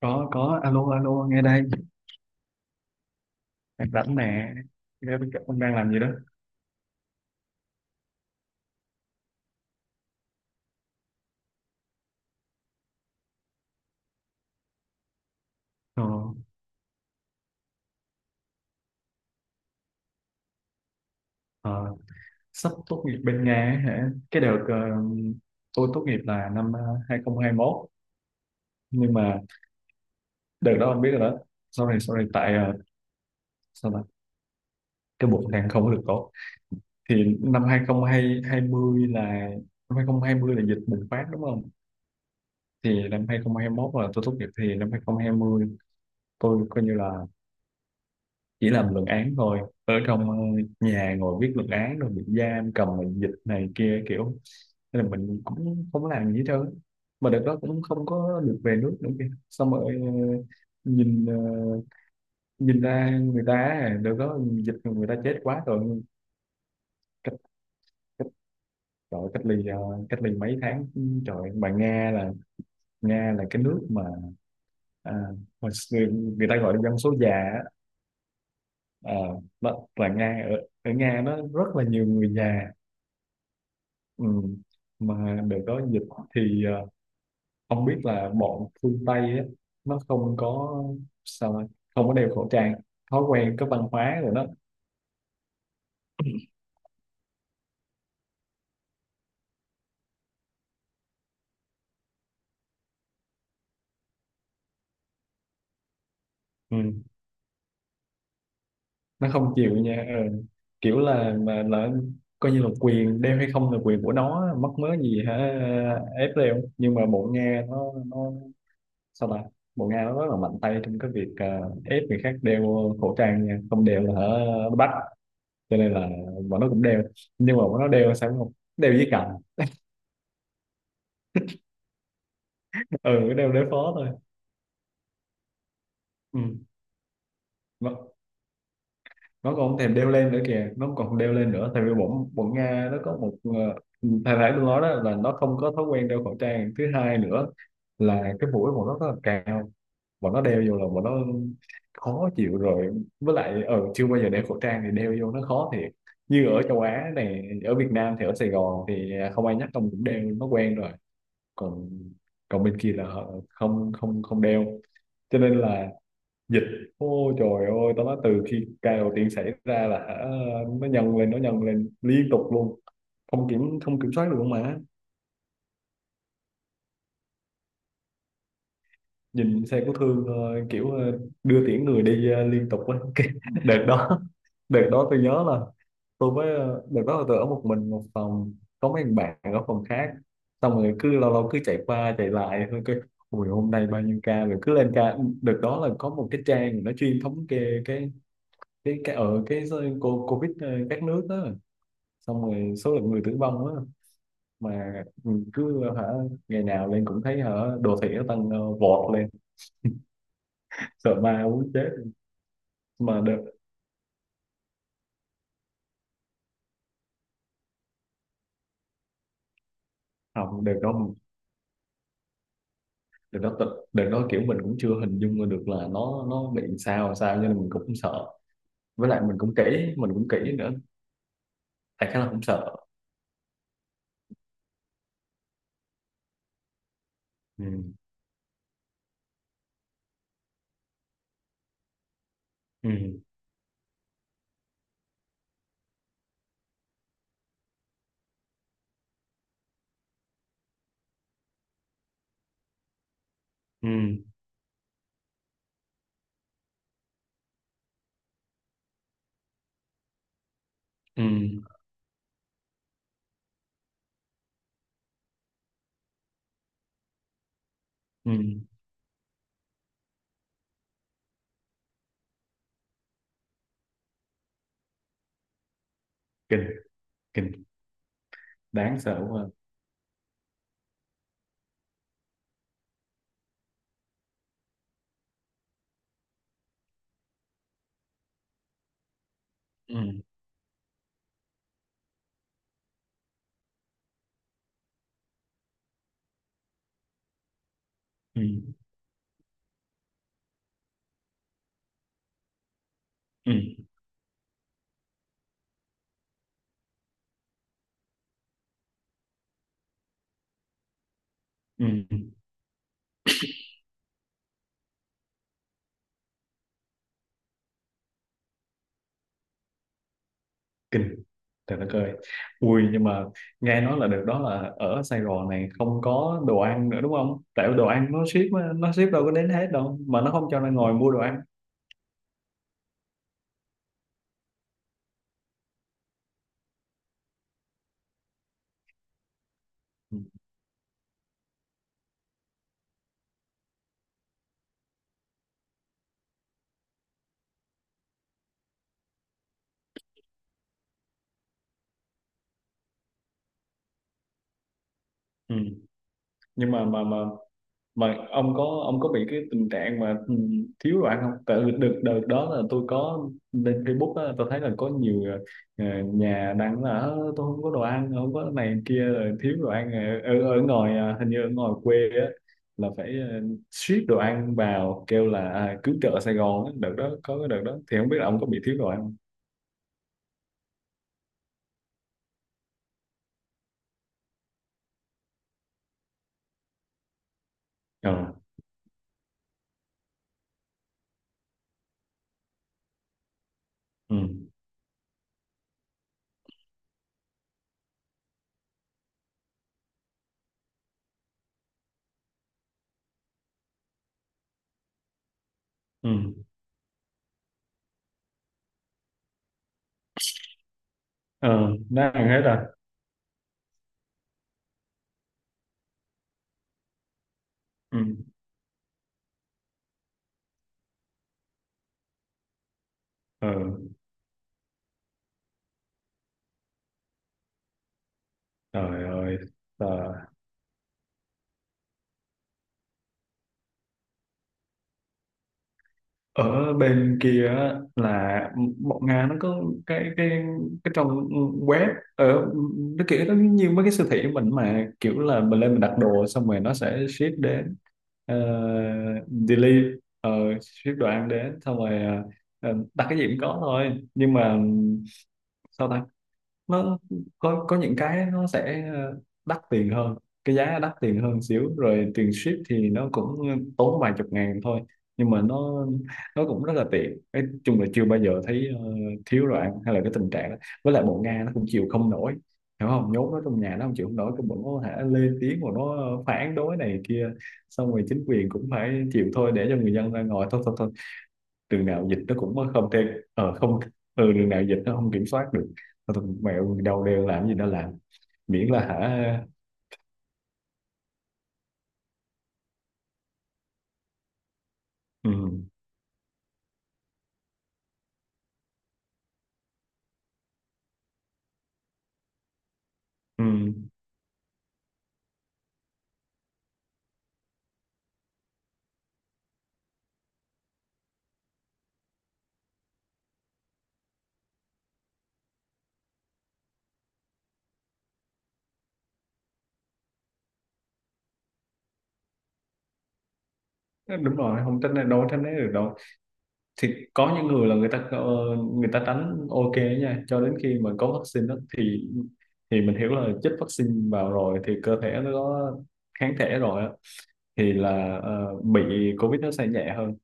Có alo alo nghe đây. Đang rảnh nè. Nghe bên cạnh ông đang làm gì đó. ờ, ờ, Sắp tốt nghiệp bên Nga ấy hả? Cái đợt, tôi tốt nghiệp là năm, 2021. Nhưng mà đợt đó ông biết rồi đó. Sau này tại, sao ta, cái bộ đang không có được tốt. Thì năm 2020 là, năm 2020 là dịch bùng phát, đúng không? Thì năm 2021 là tôi tốt nghiệp, thì năm 2020 tôi coi như là chỉ làm luận án thôi, ở trong, nhà ngồi viết luận án, rồi bị giam cầm mình dịch này kia kiểu, nên là mình cũng không có làm gì hết trơn á. Mà đợt đó cũng không có được về nước nữa kìa. Xong rồi, nhìn ờ, nhìn ra người ta á, đợt đó dịch người ta chết quá rồi. Cách cách Trời, cách ly mấy tháng trời. Mà Nga là, cái nước mà, à, mà người ta gọi là dân số già á. À, đó, là Nga ở, Ở Nga nó rất là nhiều người già. Ừ. Mà để có dịch thì, không biết là bọn phương Tây á, nó không có, sao nói, không có đeo khẩu trang, thói quen cái văn hóa rồi đó. Ừ. Nó không chịu nha. Ừ. Kiểu là, mà là, coi như là quyền đeo hay không là quyền của nó, mắc mớ gì hả ép đeo. Nhưng mà bọn Nga nó, sao ta, bọn Nga nó rất là mạnh tay trong cái việc, ép người khác đeo khẩu trang nha. Không đeo là hả nó bắt. Cho nên là bọn nó cũng đeo, nhưng mà bọn nó đeo sao cũng không đeo với cặp. Ừ, đeo đối phó thôi. Ừ. nó, nó còn không thèm đeo lên nữa kìa, nó còn không đeo lên nữa, tại vì bọn bọn Nga nó có một, thầy phải tôi nói đó là nó không có thói quen đeo khẩu trang. Thứ hai nữa là cái mũi bọn nó rất là cao, bọn nó đeo vô là bọn nó khó chịu rồi. Với lại chưa bao giờ đeo khẩu trang, thì đeo vô nó khó thiệt. Như ở châu Á này, ở Việt Nam thì ở Sài Gòn thì không ai nhắc ông cũng đeo, nó quen rồi. Còn còn bên kia là họ không không không đeo, cho nên là dịch, ôi trời ơi, tao nói từ khi ca đầu tiên xảy ra là hả, nó nhân lên, nó nhân lên liên tục luôn. Không kiểm soát được luôn. Mà nhìn xe của Thương, kiểu, đưa tiễn người đi, liên tục á. Cái đợt đó đợt đó tôi nhớ là, đợt đó là tôi ở một mình một phòng, có mấy thằng bạn ở phòng khác, xong rồi cứ lâu lâu cứ chạy qua chạy lại thôi. Cái ui, hôm nay bao nhiêu ca rồi, cứ lên ca. Đợt đó là có một cái trang nó chuyên thống kê cái, ở cái covid, các nước đó, xong rồi số lượng người tử vong á, mà mình cứ hả, ngày nào lên cũng thấy hả đồ thị nó tăng, vọt lên. Sợ ma muốn chết. Mà đợt, không, đợt đó kiểu mình cũng chưa hình dung ra được là nó bị sao sao, cho nên mình cũng sợ. Với lại mình cũng kỹ, nữa, tại khá là không sợ. Ừ. Ừ. Ừ. Ừ. Ừ. Kinh, kinh, đáng sợ quá. Ừ. Ừ. Ừ. Ừ. Kinh. Trời đất cười. Ui, nhưng mà nghe nói là được đó là ở Sài Gòn này không có đồ ăn nữa đúng không? Tại đồ ăn nó ship đâu có đến hết đâu mà nó không cho nên ngồi mua đồ ăn. Ừ. Ừ. Nhưng mà ông có bị cái tình trạng mà, ừ, thiếu đồ ăn không? Tại vì đợt đợt đó là tôi có lên Facebook á, tôi thấy là có nhiều, nhà đăng là "Ơ, tôi không có đồ ăn, không có này kia, rồi thiếu đồ ăn". Ờ, ở ở ngoài, hình như ở ngoài quê á, là phải, ship đồ ăn vào, kêu là, cứu trợ Sài Gòn á. Đợt đó, có cái đợt đó thì không biết là ông có bị thiếu đồ ăn không? Ờ. Ừ, ừ, ừ. Ờ, nó ăn hết rồi. Ừ. Ờ, trời ơi. Ờ. Ở bên kia á, là bọn Nga nó có cái, trong web ở, nó kiểu nó như mấy cái siêu thị của mình mà, kiểu là mình lên mình đặt đồ xong rồi nó sẽ ship đến. Ờ, deliver, ờ, ship đồ ăn đến, xong rồi, đặt cái gì cũng có thôi. Nhưng mà sao ta, nó có những cái nó sẽ, đắt tiền hơn, cái giá đắt tiền hơn xíu, rồi tiền ship thì nó cũng tốn vài chục ngàn thôi. Nhưng mà nó cũng rất là tiện. Nói chung là chưa bao giờ thấy, thiếu đồ ăn hay là cái tình trạng đó. Với lại bộ Nga nó cũng chịu không nổi, hiểu không, nhốt nó trong nhà nó không chịu không nổi, cái bộ nó hả lên tiếng mà nó phản đối này kia. Xong rồi chính quyền cũng phải chịu thôi, để cho người dân ra ngồi thôi thôi thôi, đường nào dịch nó cũng không thể, không, ừ, đường nào dịch nó không kiểm soát được. Thôi thôi, đâu đeo làm gì nó làm, miễn là hả. Ừ. Ừ. Ờ, đúng rồi, không tránh né- đâu tránh né được đâu. Thì có những người là người ta tránh, ok nha, cho đến khi mà có vaccine đó thì mình hiểu là chích vaccine vào rồi thì cơ thể nó có kháng thể rồi á, thì là, bị covid nó sẽ nhẹ hơn.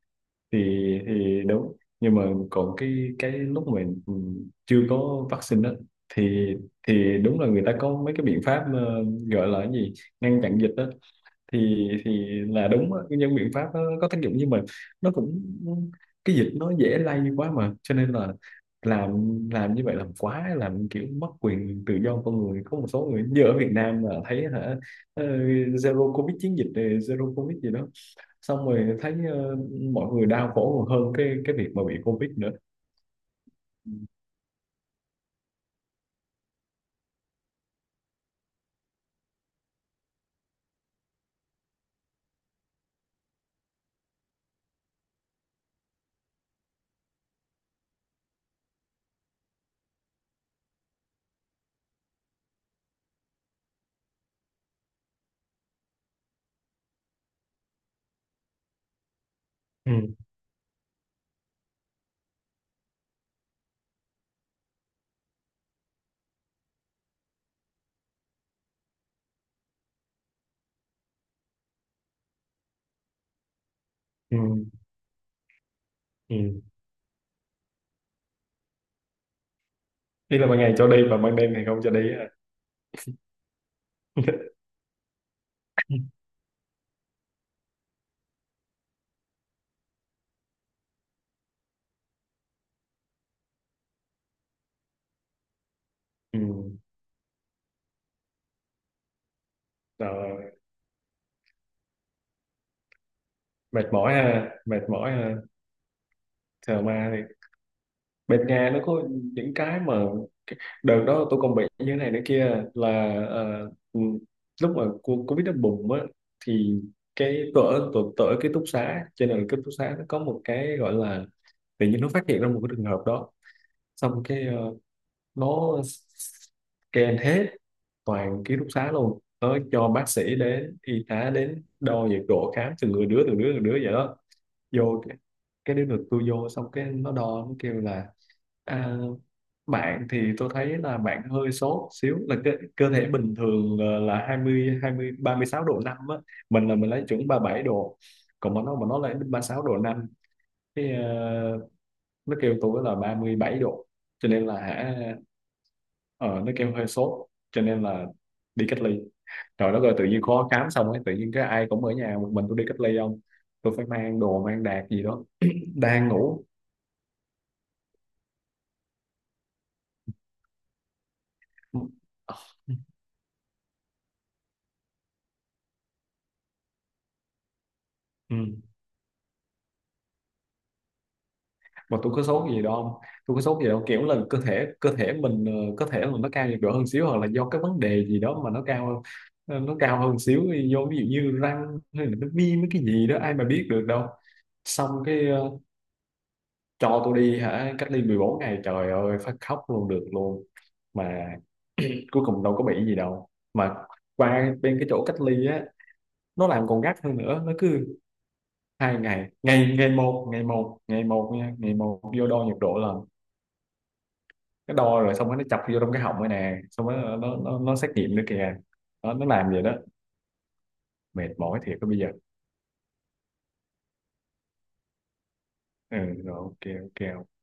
thì thì đúng, nhưng mà còn cái lúc mà, ừ, chưa có vaccine đó thì thì đúng là người ta có mấy cái biện pháp, gọi là cái gì, ngăn chặn dịch đó thì là đúng á. Những biện pháp đó có tác dụng, nhưng mà nó cũng, cái dịch nó dễ lây quá mà, cho nên là làm, như vậy, làm quá làm kiểu mất quyền tự do con người. Có một số người như ở Việt Nam là thấy hả, ờ, zero covid, chiến dịch, zero covid gì đó, xong rồi thấy, mọi người đau khổ còn hơn cái, việc mà bị Covid nữa. Ừ. Ừ. Ừ. Ý là ban ngày cho đi và ban đêm thì không cho đi ha. Ừ. Rồi, mệt mỏi ha, mệt mỏi ha. Thờ ma thì bên Nga nó có những cái mà đợt đó tôi còn bị như thế này nữa kia là, ờ, ừ, lúc mà Covid nó bùng á thì, cái tôi ở ký túc xá, cho nên là ký túc xá nó có một cái gọi là, tự nhiên nó phát hiện ra một cái trường hợp đó, xong cái, nó scan hết toàn ký túc xá luôn, nó cho bác sĩ đến, y tá đến, đo nhiệt độ khám từng người đứa từng đứa từng đứa vậy đó. Vô cái đứa được tôi vô, xong cái nó đo, nó kêu là, à, bạn thì tôi thấy là bạn hơi sốt xíu. Là cơ thể bình thường là hai mươi 36,5 độ á. Mình là mình lấy chuẩn 37 độ, còn mà nó lấy 36,5 độ, cái, nó kêu tôi là 37 độ, cho nên là hả, ờ nó kêu hơi sốt, cho nên là đi cách ly. Rồi đó, rồi tự nhiên khó khám xong ấy, tự nhiên cái ai cũng ở nhà, một mình tôi đi cách ly không, tôi phải mang đồ mang đạc gì đó, đang ngủ. Ừ. Mà tôi có sốt gì đâu không, tôi có sốt gì đâu, kiểu là cơ thể mình, có thể là nó cao nhiệt độ hơn xíu, hoặc là do cái vấn đề gì đó mà nó cao hơn, nó cao hơn xíu, do ví dụ như răng hay là nó viêm cái gì đó, ai mà biết được đâu. Xong cái, cho tôi đi hả cách ly 14 ngày, trời ơi phát khóc luôn được luôn. Mà cuối cùng đâu có bị gì đâu. Mà qua bên cái chỗ cách ly á, nó làm còn gắt hơn nữa, nó cứ hai ngày ngày ngày một, ngày một, ngày một nha, ngày một vô đo nhiệt độ lần. Cái đo rồi, xong rồi nó chọc vô trong cái họng rồi nè, xong rồi nó xét nghiệm nữa kìa. Nó làm vậy đó, mệt mỏi thiệt đó bây giờ. Ừ. Rồi ok ok ok.